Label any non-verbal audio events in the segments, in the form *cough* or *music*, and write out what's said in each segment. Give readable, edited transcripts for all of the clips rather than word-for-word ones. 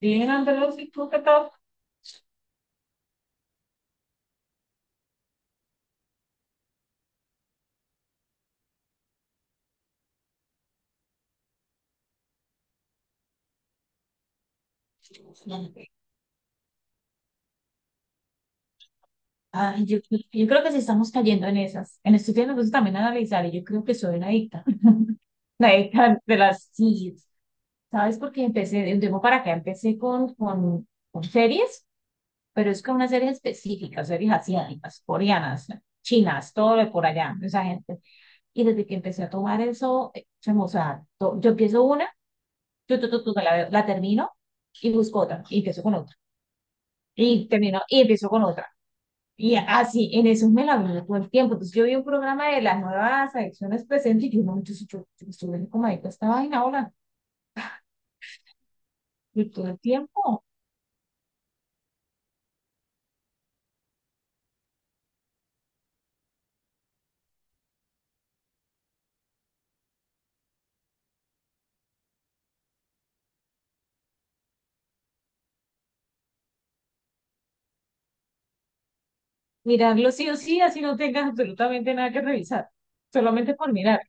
Bien, Andrés, ¿y tú qué tal? Ay, yo creo que sí estamos cayendo en esas. En estos días me gusta también analizar y yo creo que soy una adicta. *laughs* Una adicta de las series. ¿Sabes? Porque empecé de un tiempo para acá, empecé con series, pero es con unas series específicas, series asiáticas, coreanas, chinas, todo de por allá, esa gente. Y desde que empecé a tomar eso, o sea, yo empiezo una, yo, tu, la termino y busco otra, y empiezo con otra, y termino, y empiezo con otra. Y así, en esos me la veo todo el tiempo. Entonces, yo vi un programa de las nuevas adicciones presentes y yo, no, yo estoy como adicta a esta vaina ahora, yo todo el tiempo. Mirarlo sí o sí, así no tengas absolutamente nada que revisar, solamente por mirar.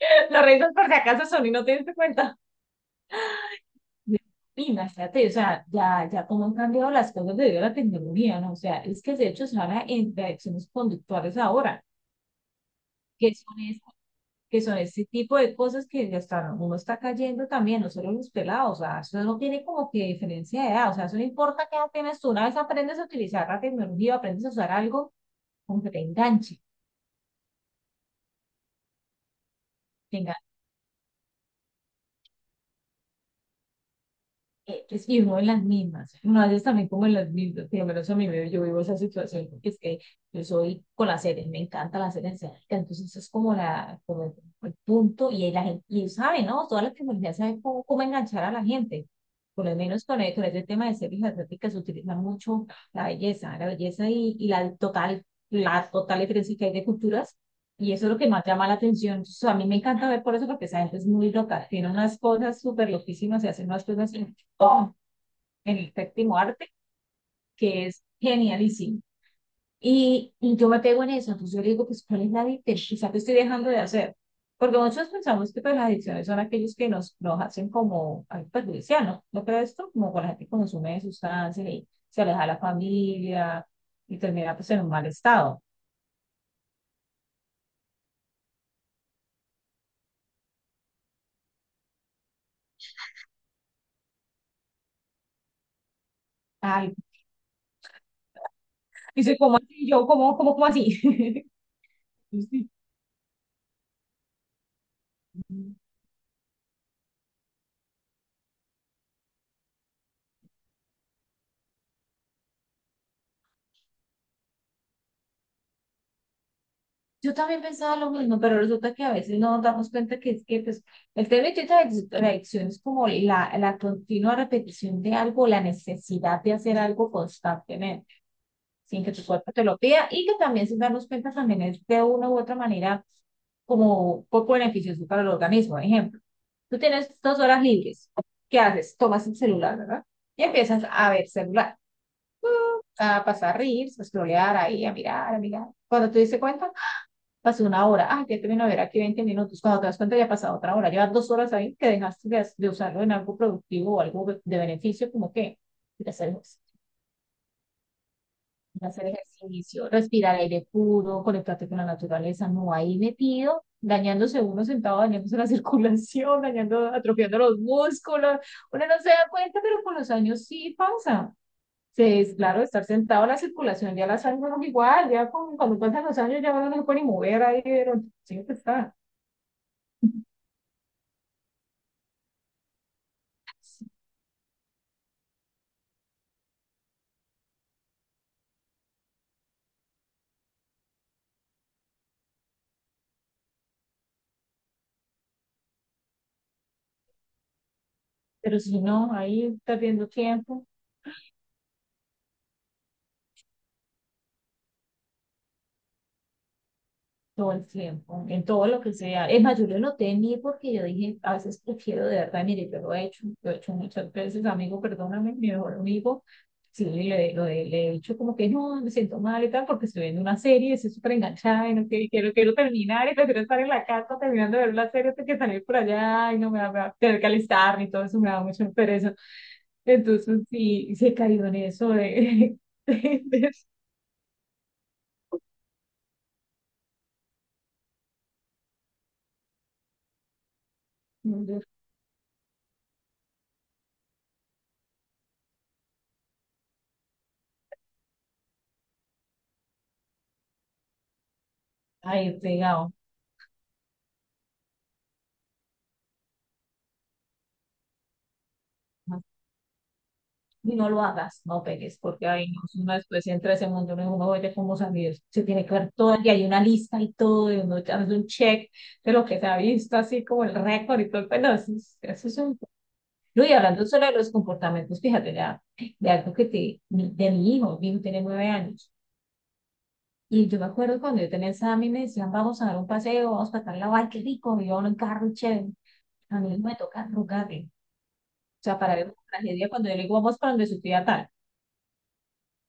*laughs* Lo revisas por si acaso son y no te diste cuenta. Y- Imagínate, o sea, ya cómo han cambiado las cosas debido a la tecnología, ¿no? O sea, es que de hecho se habla en de adicciones conductuales ahora, que son esas que son este tipo de cosas que ya está, uno está cayendo también, no solo los pelados, o sea, eso no tiene como que diferencia de edad, o sea, eso no importa qué edad tienes tú, una vez aprendes a utilizar la tecnología, aprendes a usar algo, como que te enganche, te enganche. Es que vivo en las mismas, más es también como en las mismas, por lo menos a mí me, yo vivo esa situación, porque es que yo soy con las series, me encanta las series asiáticas, entonces eso es como, la, como el punto, y ahí la gente, y saben, ¿no? Todas las tecnologías saben cómo enganchar a la gente, por lo menos con, con este tema de series asiáticas se utiliza mucho la belleza y la total diferencia que hay de culturas, y eso es lo que más llama la atención. Entonces, a mí me encanta ver por eso, porque esa gente es muy loca, tiene unas cosas súper loquísimas se hacen unas cosas oh, en el séptimo arte, que es genialísimo. Y yo me pego en eso, entonces yo le digo, pues, ¿cuál es la adicción? Quizá te estoy dejando de hacer. Porque muchos pensamos que pues, las adicciones son aquellos que nos hacen como algo perjudicial, ¿no? ¿No crees esto? Como con la gente que consume sustancias y se aleja de la familia y termina pues en un mal estado. Ay, dice, ¿cómo así? Yo, ¿cómo así? *laughs* Sí. Yo también pensaba lo mismo, pero resulta que a veces no nos damos cuenta que es que pues, el tema de la adicción es como la continua repetición de algo, la necesidad de hacer algo constantemente, sin que tu cuerpo te lo pida y que también sin darnos cuenta también es de una u otra manera como poco beneficioso para el organismo. Por ejemplo, tú tienes 2 horas libres, ¿qué haces? Tomas el celular, ¿verdad? Y empiezas a ver celular, a pasar reels, a scrollear ahí, a mirar, a mirar. Cuando te diste cuenta, pasó una hora, ah, que termino de ver aquí 20 minutos, cuando te das cuenta ya ha pasado otra hora, llevas 2 horas ahí que dejaste de usarlo en algo productivo o algo de beneficio, como que hacer, ejercicio, hacer ejercicio, respirar aire puro, conectarte con la naturaleza, no ahí metido, dañándose uno sentado, dañándose la *laughs* circulación, dañando, atrofiando los músculos, uno no se da cuenta, pero con los años sí pasa. Es claro, estar sentado, la circulación ya la sangre no es igual, ya con, cuando pasan los años ya uno no se puede ni mover ahí, pero siempre está. Pero si no, ahí perdiendo tiempo, todo el tiempo, en todo lo que sea. Es más, yo lo noté en mí porque yo dije, a veces prefiero de verdad, mire, yo lo he hecho muchas veces, amigo, perdóname, mi mejor amigo, sí, le, lo he le he dicho como que no, me siento mal y tal, porque estoy viendo una serie, estoy súper enganchada y no quiero, quiero terminar y prefiero estar en la casa terminando de ver la serie hasta que salir por allá y no me va, me va a tener que alistarme y todo eso me da mucho pereza. Entonces, sí, se cayó en eso de... *laughs* de- ahí pegado. Ajá. Y no lo hagas, no pegues, porque ahí no, si uno después entra a ese mundo, uno, dice, uno oye cómo salir, se tiene que ver todo, y hay una lista y todo, y uno hace un check de lo que se ha visto, así como el récord y todo, pero eso es un... No, y hablando solo de los comportamientos, fíjate, ya, de algo que te, de mi hijo tiene 9 años, y yo me acuerdo cuando yo tenía examen, me decían, vamos a dar un paseo, vamos a tal la ay, qué rico, y yo en el carro, chévere, a mí me toca rogarle, o sea, para ver una tragedia, cuando yo le digo, vamos para donde su tía tal,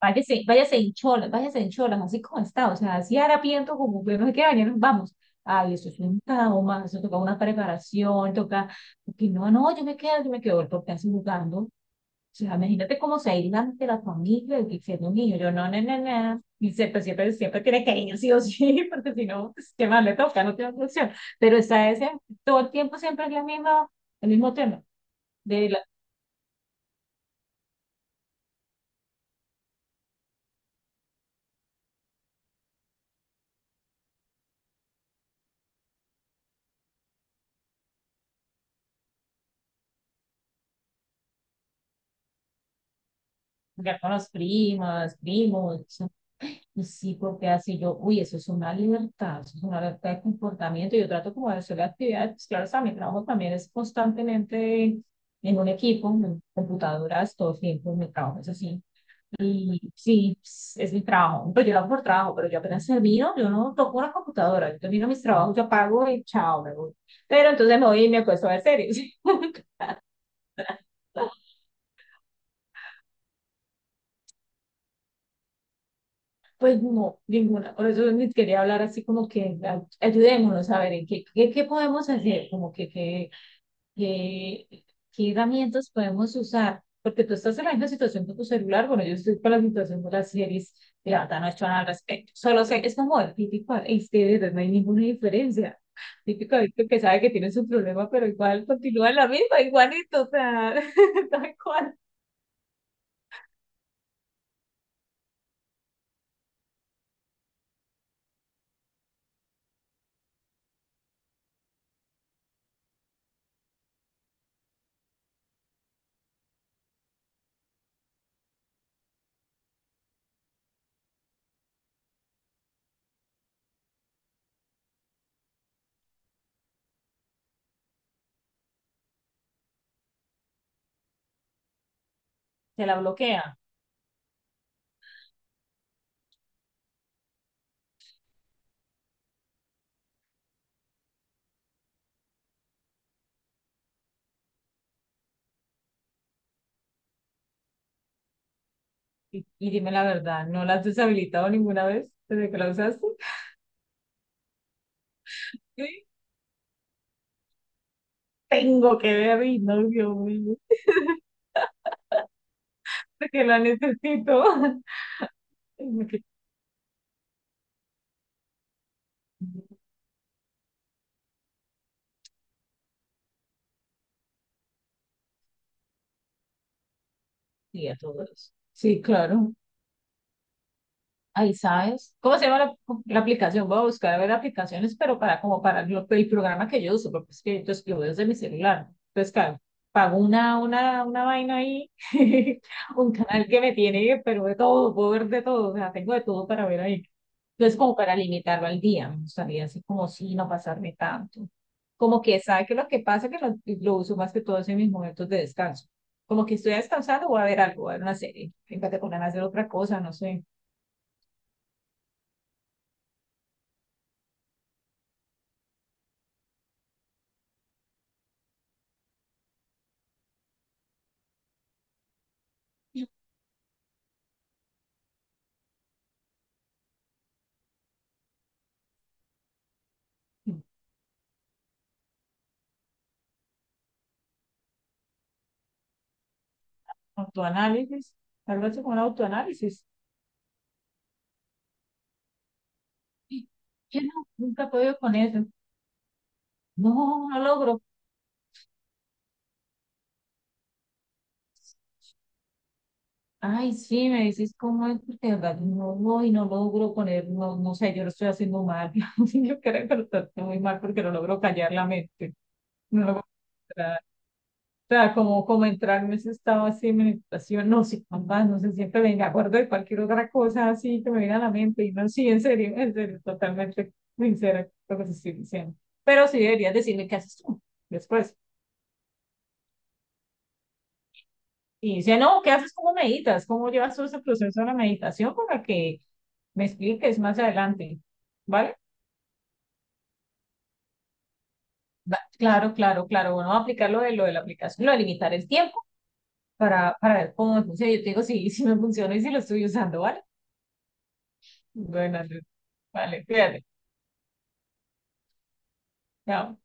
váyase, váyase en cholas, así como está, o sea, así harapiento, como que no sé qué años, vamos. Ay, eso es un trauma, eso toca una preparación, toca, porque no, no, yo me quedo, porque así jugando. O sea, imagínate cómo se aíslan de la familia y siendo un niño, yo no, no, no, no. Y siempre, siempre, siempre tiene que ir, sí o sí, *laughs* porque si no, pues, ¿qué más le toca? No tiene otra opción. Pero está ese, todo el tiempo siempre es la misma, el mismo tema de la, ya con las primas, primos, eso. Y sí, porque así yo, uy, eso es una libertad, eso es una libertad de comportamiento, yo trato como de hacer la actividad, pues claro, o sea, mi trabajo también es constantemente en un equipo, en computadoras, todo el tiempo, mi trabajo es así, y sí, pues, es mi trabajo, pero yo lo hago por trabajo, pero yo apenas termino, yo no toco una computadora, yo termino mis trabajos, yo apago y chao, me voy, pero entonces me voy y me acuesto a ver series. *laughs* Pues no, ninguna. Por eso ni quería hablar así como que ayudémonos a ver en qué podemos hacer, como que qué, qué, qué herramientas podemos usar. Porque tú estás en la misma situación con tu celular, bueno, yo estoy con la situación de las series, y la verdad no he hecho nada al respecto. Solo sé, es como el típico este, de verdad, no hay ninguna diferencia. Típico adicto que sabe que tiene su problema, pero igual continúa en la misma, igualito, o sea, *laughs* tal cual. Se la bloquea. Y dime la verdad, ¿no la has deshabilitado ninguna vez desde que la usaste? Sí. Tengo que ver y no, Dios mío, porque la necesito. *laughs* Y me quedé- y a todos. Sí, claro. Ahí sabes. ¿Cómo se llama la aplicación? Voy a buscar a ver aplicaciones, pero para como para el programa que yo uso, porque es que entonces, lo veo desde mi celular. Entonces, claro, pago una vaina ahí, *laughs* un canal que me tiene, pero de todo, puedo ver de todo, o sea, tengo de todo para ver ahí. Entonces, como para limitarlo al día, me gustaría así como sí, no pasarme tanto. Como que sabe que lo que pasa es que lo uso más que todo en mis momentos de descanso. Como que estoy descansando, voy a ver algo, voy a ver una serie, fíjate con ganas de hacer otra cosa, no sé. Autoanálisis, algo así como un autoanálisis. Y yo no, nunca he podido con eso. No, no logro. Ay, sí, me decís cómo es, porque de verdad no voy, no logro poner, no, no sé, yo lo estoy haciendo mal. *laughs* Yo creo que lo estoy haciendo muy mal porque no logro callar la mente. No logro. O sea, como entrar en ese estado así de meditación, no sé, mamá no sé, siempre me acuerdo de cualquier otra cosa así que me viene a la mente. Y no, sí, en serio, totalmente sincera lo que te estoy diciendo. Pero sí deberías decirme qué haces tú después. Y dice, no, ¿qué haces? ¿Cómo meditas? ¿Cómo llevas todo ese proceso de la meditación para que me expliques más adelante? ¿Vale? Va- Claro, claro, claro. Bueno, vamos a aplicar lo de la aplicación, lo de limitar el tiempo para ver cómo me funciona. Yo te digo, sí, sí me funciona y si lo estoy usando, ¿vale? Buenas noches. Vale, cuídate. Chao.